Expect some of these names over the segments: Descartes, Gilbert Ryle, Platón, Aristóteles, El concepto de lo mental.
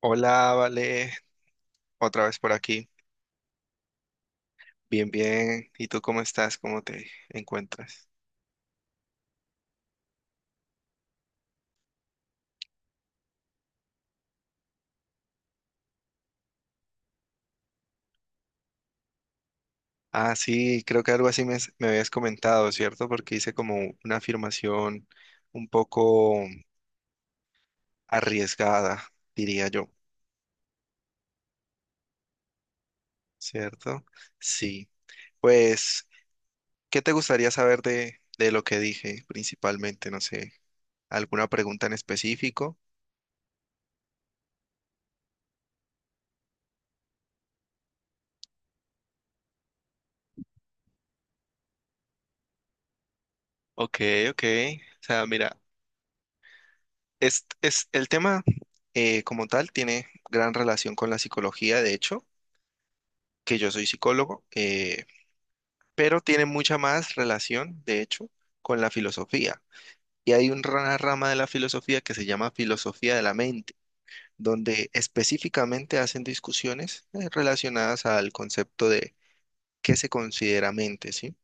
Hola, Vale, otra vez por aquí. Bien, bien. ¿Y tú cómo estás? ¿Cómo te encuentras? Ah, sí, creo que algo así me habías comentado, ¿cierto? Porque hice como una afirmación un poco arriesgada, diría yo, ¿cierto? Sí. Pues, ¿qué te gustaría saber de lo que dije principalmente? No sé, ¿alguna pregunta en específico? Ok, ok. O sea, mira. El tema como tal tiene gran relación con la psicología, de hecho, que yo soy psicólogo, pero tiene mucha más relación, de hecho, con la filosofía. Y hay una rama de la filosofía que se llama filosofía de la mente, donde específicamente hacen discusiones relacionadas al concepto de qué se considera mente, ¿sí?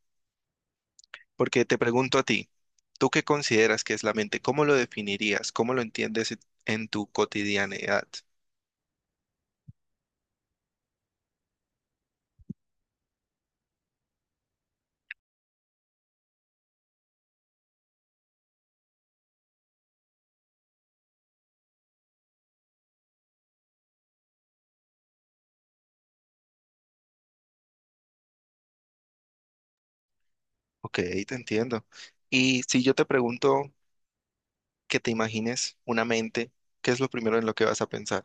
Porque te pregunto a ti, ¿tú qué consideras que es la mente? ¿Cómo lo definirías? ¿Cómo lo entiendes en tu cotidianidad? Ok, te entiendo. Y si yo te pregunto que te imagines una mente, ¿qué es lo primero en lo que vas a pensar?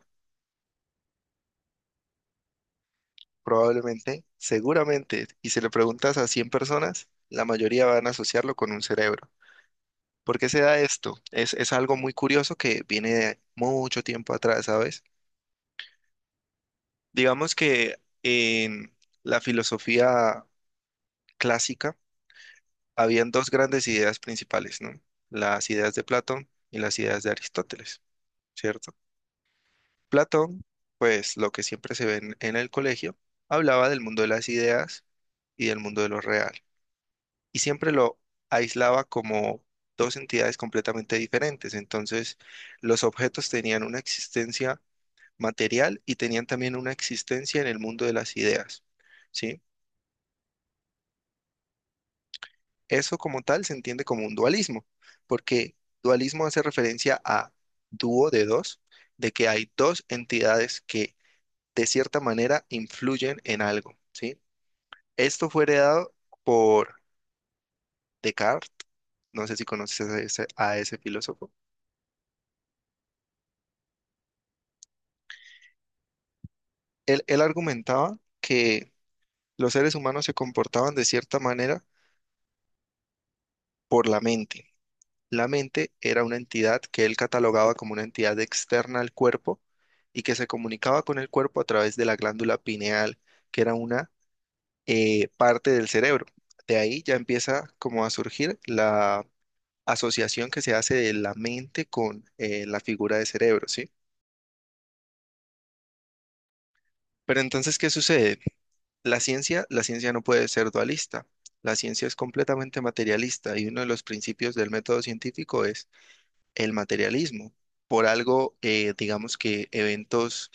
Probablemente, seguramente, y si le preguntas a 100 personas, la mayoría van a asociarlo con un cerebro. ¿Por qué se da esto? Es algo muy curioso que viene de mucho tiempo atrás, ¿sabes? Digamos que en la filosofía clásica habían dos grandes ideas principales, ¿no? Las ideas de Platón y las ideas de Aristóteles, ¿cierto? Platón, pues lo que siempre se ve en el colegio, hablaba del mundo de las ideas y del mundo de lo real, y siempre lo aislaba como dos entidades completamente diferentes. Entonces, los objetos tenían una existencia material y tenían también una existencia en el mundo de las ideas, ¿sí? Eso como tal se entiende como un dualismo, porque dualismo hace referencia a dúo de dos, de que hay dos entidades que de cierta manera influyen en algo, ¿sí? Esto fue heredado por Descartes, no sé si conoces a ese filósofo. Él argumentaba que los seres humanos se comportaban de cierta manera por la mente. La mente era una entidad que él catalogaba como una entidad externa al cuerpo y que se comunicaba con el cuerpo a través de la glándula pineal, que era una parte del cerebro. De ahí ya empieza como a surgir la asociación que se hace de la mente con la figura de cerebro, ¿sí? Pero entonces, ¿qué sucede? La ciencia no puede ser dualista. La ciencia es completamente materialista y uno de los principios del método científico es el materialismo. Por algo, digamos que eventos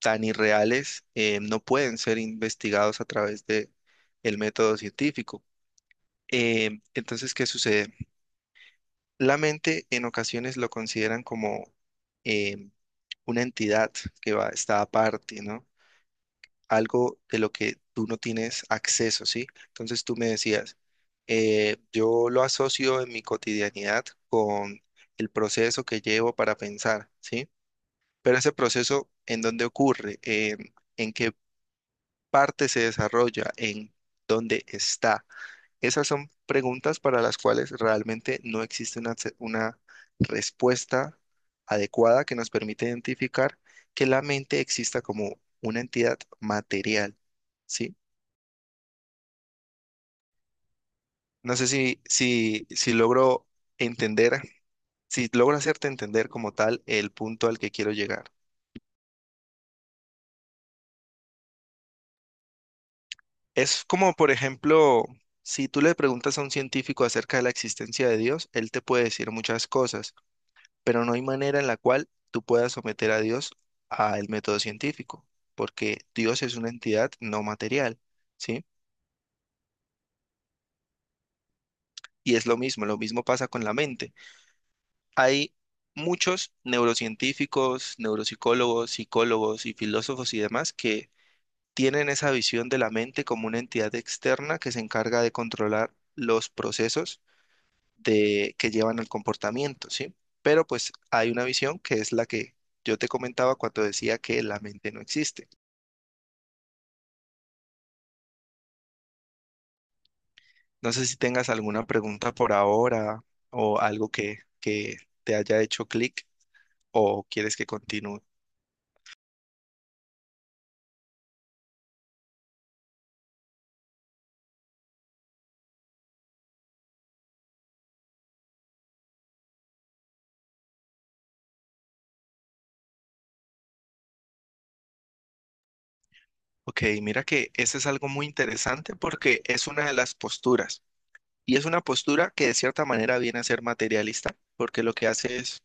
tan irreales no pueden ser investigados a través de el método científico. Entonces, ¿qué sucede? La mente en ocasiones lo consideran como eh, una entidad que va, está aparte, ¿no? algo de lo que tú no tienes acceso, ¿sí? Entonces tú me decías, yo lo asocio en mi cotidianidad con el proceso que llevo para pensar, ¿sí? Pero ese proceso, ¿en dónde ocurre? ¿En qué parte se desarrolla? ¿En dónde está? Esas son preguntas para las cuales realmente no existe una, una respuesta adecuada que nos permite identificar que la mente exista como una entidad material. ¿Sí? No sé si logro entender, si logro hacerte entender como tal el punto al que quiero llegar. Es como, por ejemplo, si tú le preguntas a un científico acerca de la existencia de Dios, él te puede decir muchas cosas, pero no hay manera en la cual tú puedas someter a Dios al método científico, porque Dios es una entidad no material, ¿sí? Y es lo mismo pasa con la mente. Hay muchos neurocientíficos, neuropsicólogos, psicólogos y filósofos y demás que tienen esa visión de la mente como una entidad externa que se encarga de controlar los procesos de, que llevan al comportamiento, ¿sí? Pero pues hay una visión que es la que yo te comentaba cuando decía que la mente no existe. No sé si tengas alguna pregunta por ahora o algo que te haya hecho clic o quieres que continúe. Ok, mira que eso es algo muy interesante porque es una de las posturas y es una postura que de cierta manera viene a ser materialista porque lo que hace es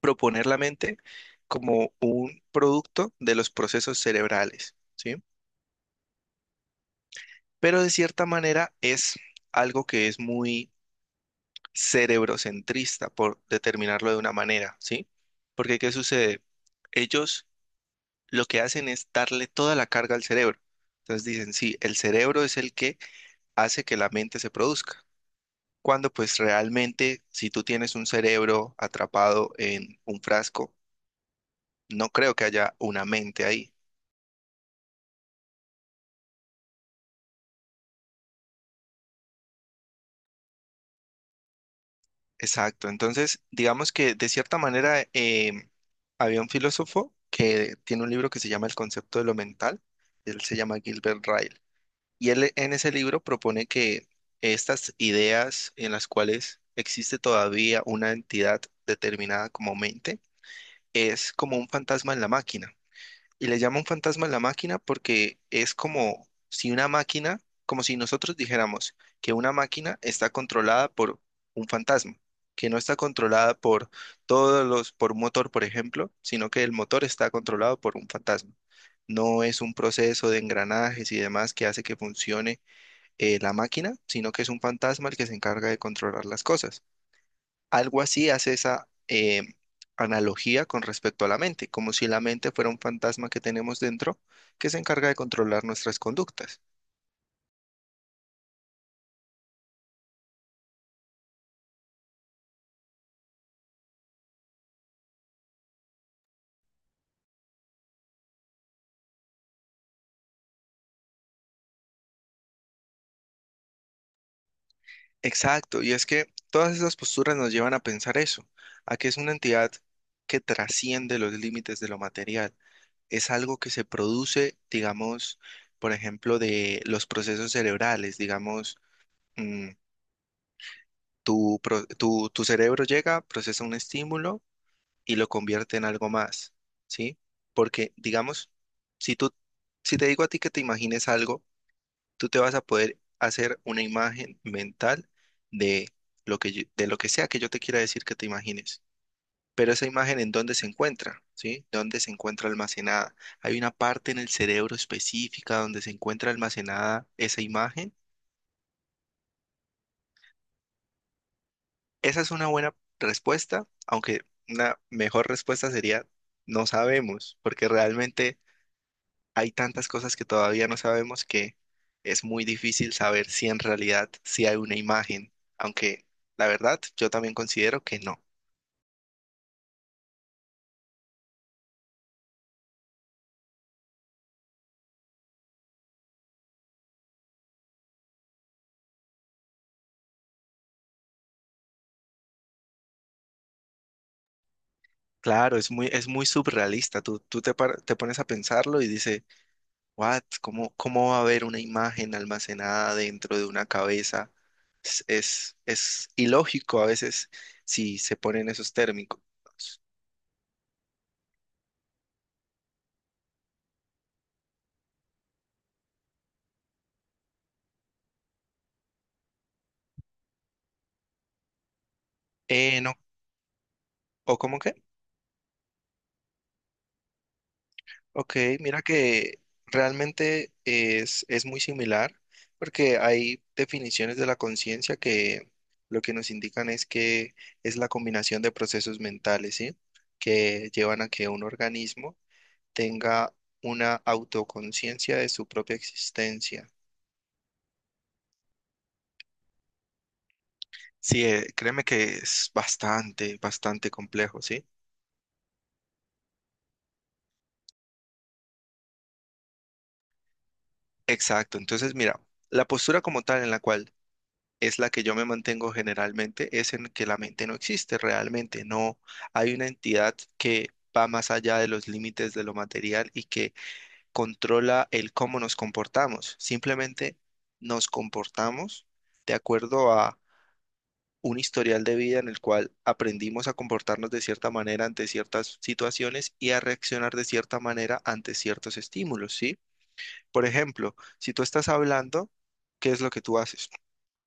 proponer la mente como un producto de los procesos cerebrales, ¿sí? Pero de cierta manera es algo que es muy cerebrocentrista, por determinarlo de una manera, ¿sí? Porque ¿qué sucede? Ellos lo que hacen es darle toda la carga al cerebro. Entonces dicen, sí, el cerebro es el que hace que la mente se produzca. Cuando pues realmente, si tú tienes un cerebro atrapado en un frasco, no creo que haya una mente ahí. Exacto. Entonces, digamos que de cierta manera había un filósofo que tiene un libro que se llama El concepto de lo mental. Él se llama Gilbert Ryle. Y él en ese libro propone que estas ideas en las cuales existe todavía una entidad determinada como mente es como un fantasma en la máquina. Y le llaman fantasma a la máquina porque es como si una máquina, como si nosotros dijéramos que una máquina está controlada por un fantasma, que no está controlada por todos los, por un motor, por ejemplo, sino que el motor está controlado por un fantasma. No es un proceso de engranajes y demás que hace que funcione la máquina, sino que es un fantasma el que se encarga de controlar las cosas. Algo así hace esa analogía con respecto a la mente, como si la mente fuera un fantasma que tenemos dentro que se encarga de controlar nuestras conductas. Exacto, y es que todas esas posturas nos llevan a pensar eso, a que es una entidad que trasciende los límites de lo material. Es algo que se produce, digamos, por ejemplo, de los procesos cerebrales, digamos, mm, tu cerebro llega, procesa un estímulo, y lo convierte en algo más, ¿sí? Porque, digamos, si tú, si te digo a ti que te imagines algo, tú te vas a poder hacer una imagen mental de de lo que sea que yo te quiera decir que te imagines. Pero esa imagen en dónde se encuentra, ¿sí? ¿Dónde se encuentra almacenada? Hay una parte en el cerebro específica donde se encuentra almacenada esa imagen. Esa es una buena respuesta, aunque una mejor respuesta sería no sabemos, porque realmente hay tantas cosas que todavía no sabemos que es muy difícil saber si en realidad sí hay una imagen, aunque la verdad yo también considero que no. Claro, es muy surrealista. Te pones a pensarlo y dices, ¿what? ¿Cómo, cómo va a haber una imagen almacenada dentro de una cabeza? Es ilógico a veces si se ponen esos términos. No. ¿O cómo qué? Ok, mira que realmente es muy similar, porque hay definiciones de la conciencia que lo que nos indican es que es la combinación de procesos mentales, ¿sí? Que llevan a que un organismo tenga una autoconciencia de su propia existencia. Sí, créeme que es bastante, bastante complejo, ¿sí? Exacto. Entonces, mira, la postura como tal en la cual es la que yo me mantengo generalmente, es en que la mente no existe realmente, no hay una entidad que va más allá de los límites de lo material y que controla el cómo nos comportamos. Simplemente nos comportamos de acuerdo a un historial de vida en el cual aprendimos a comportarnos de cierta manera ante ciertas situaciones y a reaccionar de cierta manera ante ciertos estímulos, ¿sí? Por ejemplo, si tú estás hablando, ¿qué es lo que tú haces?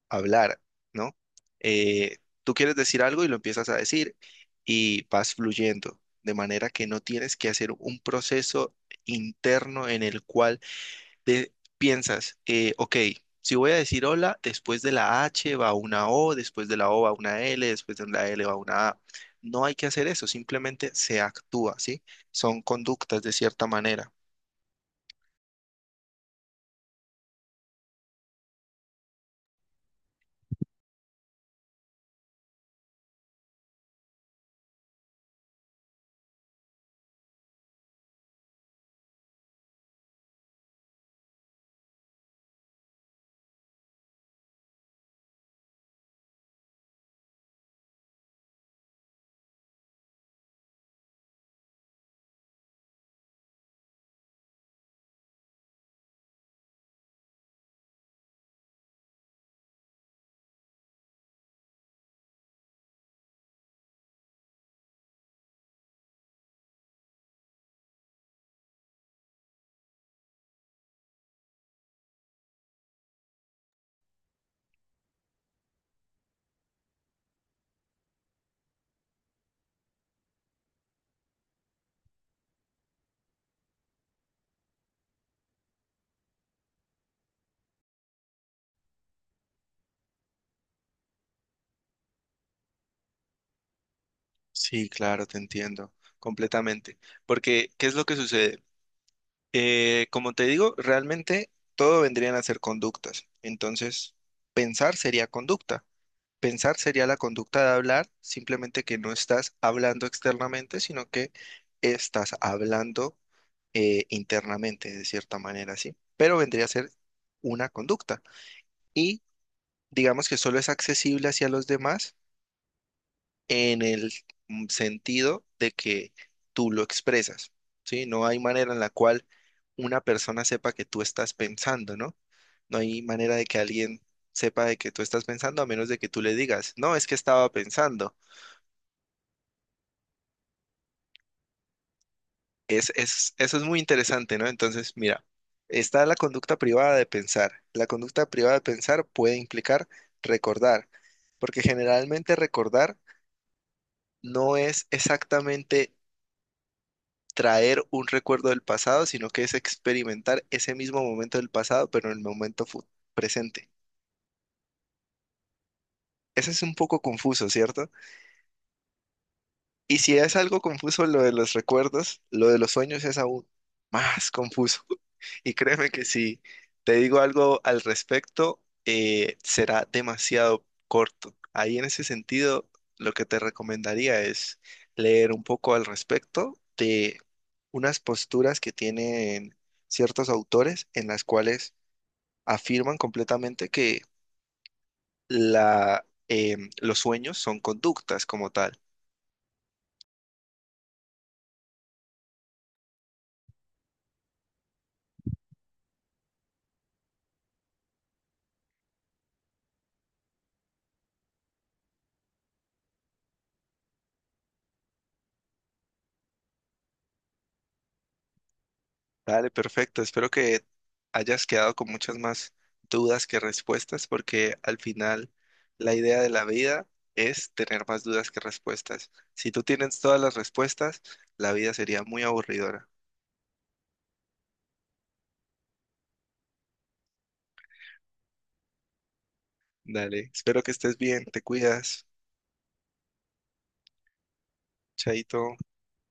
Hablar, ¿no? Eh, Tú quieres decir algo y lo empiezas a decir y vas fluyendo, de manera que no tienes que hacer un proceso interno en el cual te piensas, ok, si voy a decir hola, después de la H va una O, después de la O va una L, después de la L va una A. No hay que hacer eso, simplemente se actúa, ¿sí? Son conductas de cierta manera. Sí, claro, te entiendo completamente. Porque, ¿qué es lo que sucede? Como te digo, realmente todo vendrían a ser conductas. Entonces, pensar sería conducta. Pensar sería la conducta de hablar, simplemente que no estás hablando externamente, sino que estás hablando internamente, de cierta manera, ¿sí? Pero vendría a ser una conducta. Y digamos que solo es accesible hacia los demás en el sentido de que tú lo expresas, ¿sí? No hay manera en la cual una persona sepa que tú estás pensando, ¿no? No hay manera de que alguien sepa de que tú estás pensando a menos de que tú le digas, no, es que estaba pensando. Eso es muy interesante, ¿no? Entonces, mira, está la conducta privada de pensar. La conducta privada de pensar puede implicar recordar, porque generalmente recordar no es exactamente traer un recuerdo del pasado, sino que es experimentar ese mismo momento del pasado, pero en el momento presente. Ese es un poco confuso, ¿cierto? Y si es algo confuso lo de los recuerdos, lo de los sueños es aún más confuso. Y créeme que si te digo algo al respecto, será demasiado corto. Ahí en ese sentido, lo que te recomendaría es leer un poco al respecto de unas posturas que tienen ciertos autores en las cuales afirman completamente que los sueños son conductas como tal. Dale, perfecto. Espero que hayas quedado con muchas más dudas que respuestas, porque al final la idea de la vida es tener más dudas que respuestas. Si tú tienes todas las respuestas, la vida sería muy aburridora. Dale, espero que estés bien, te cuidas, chaito.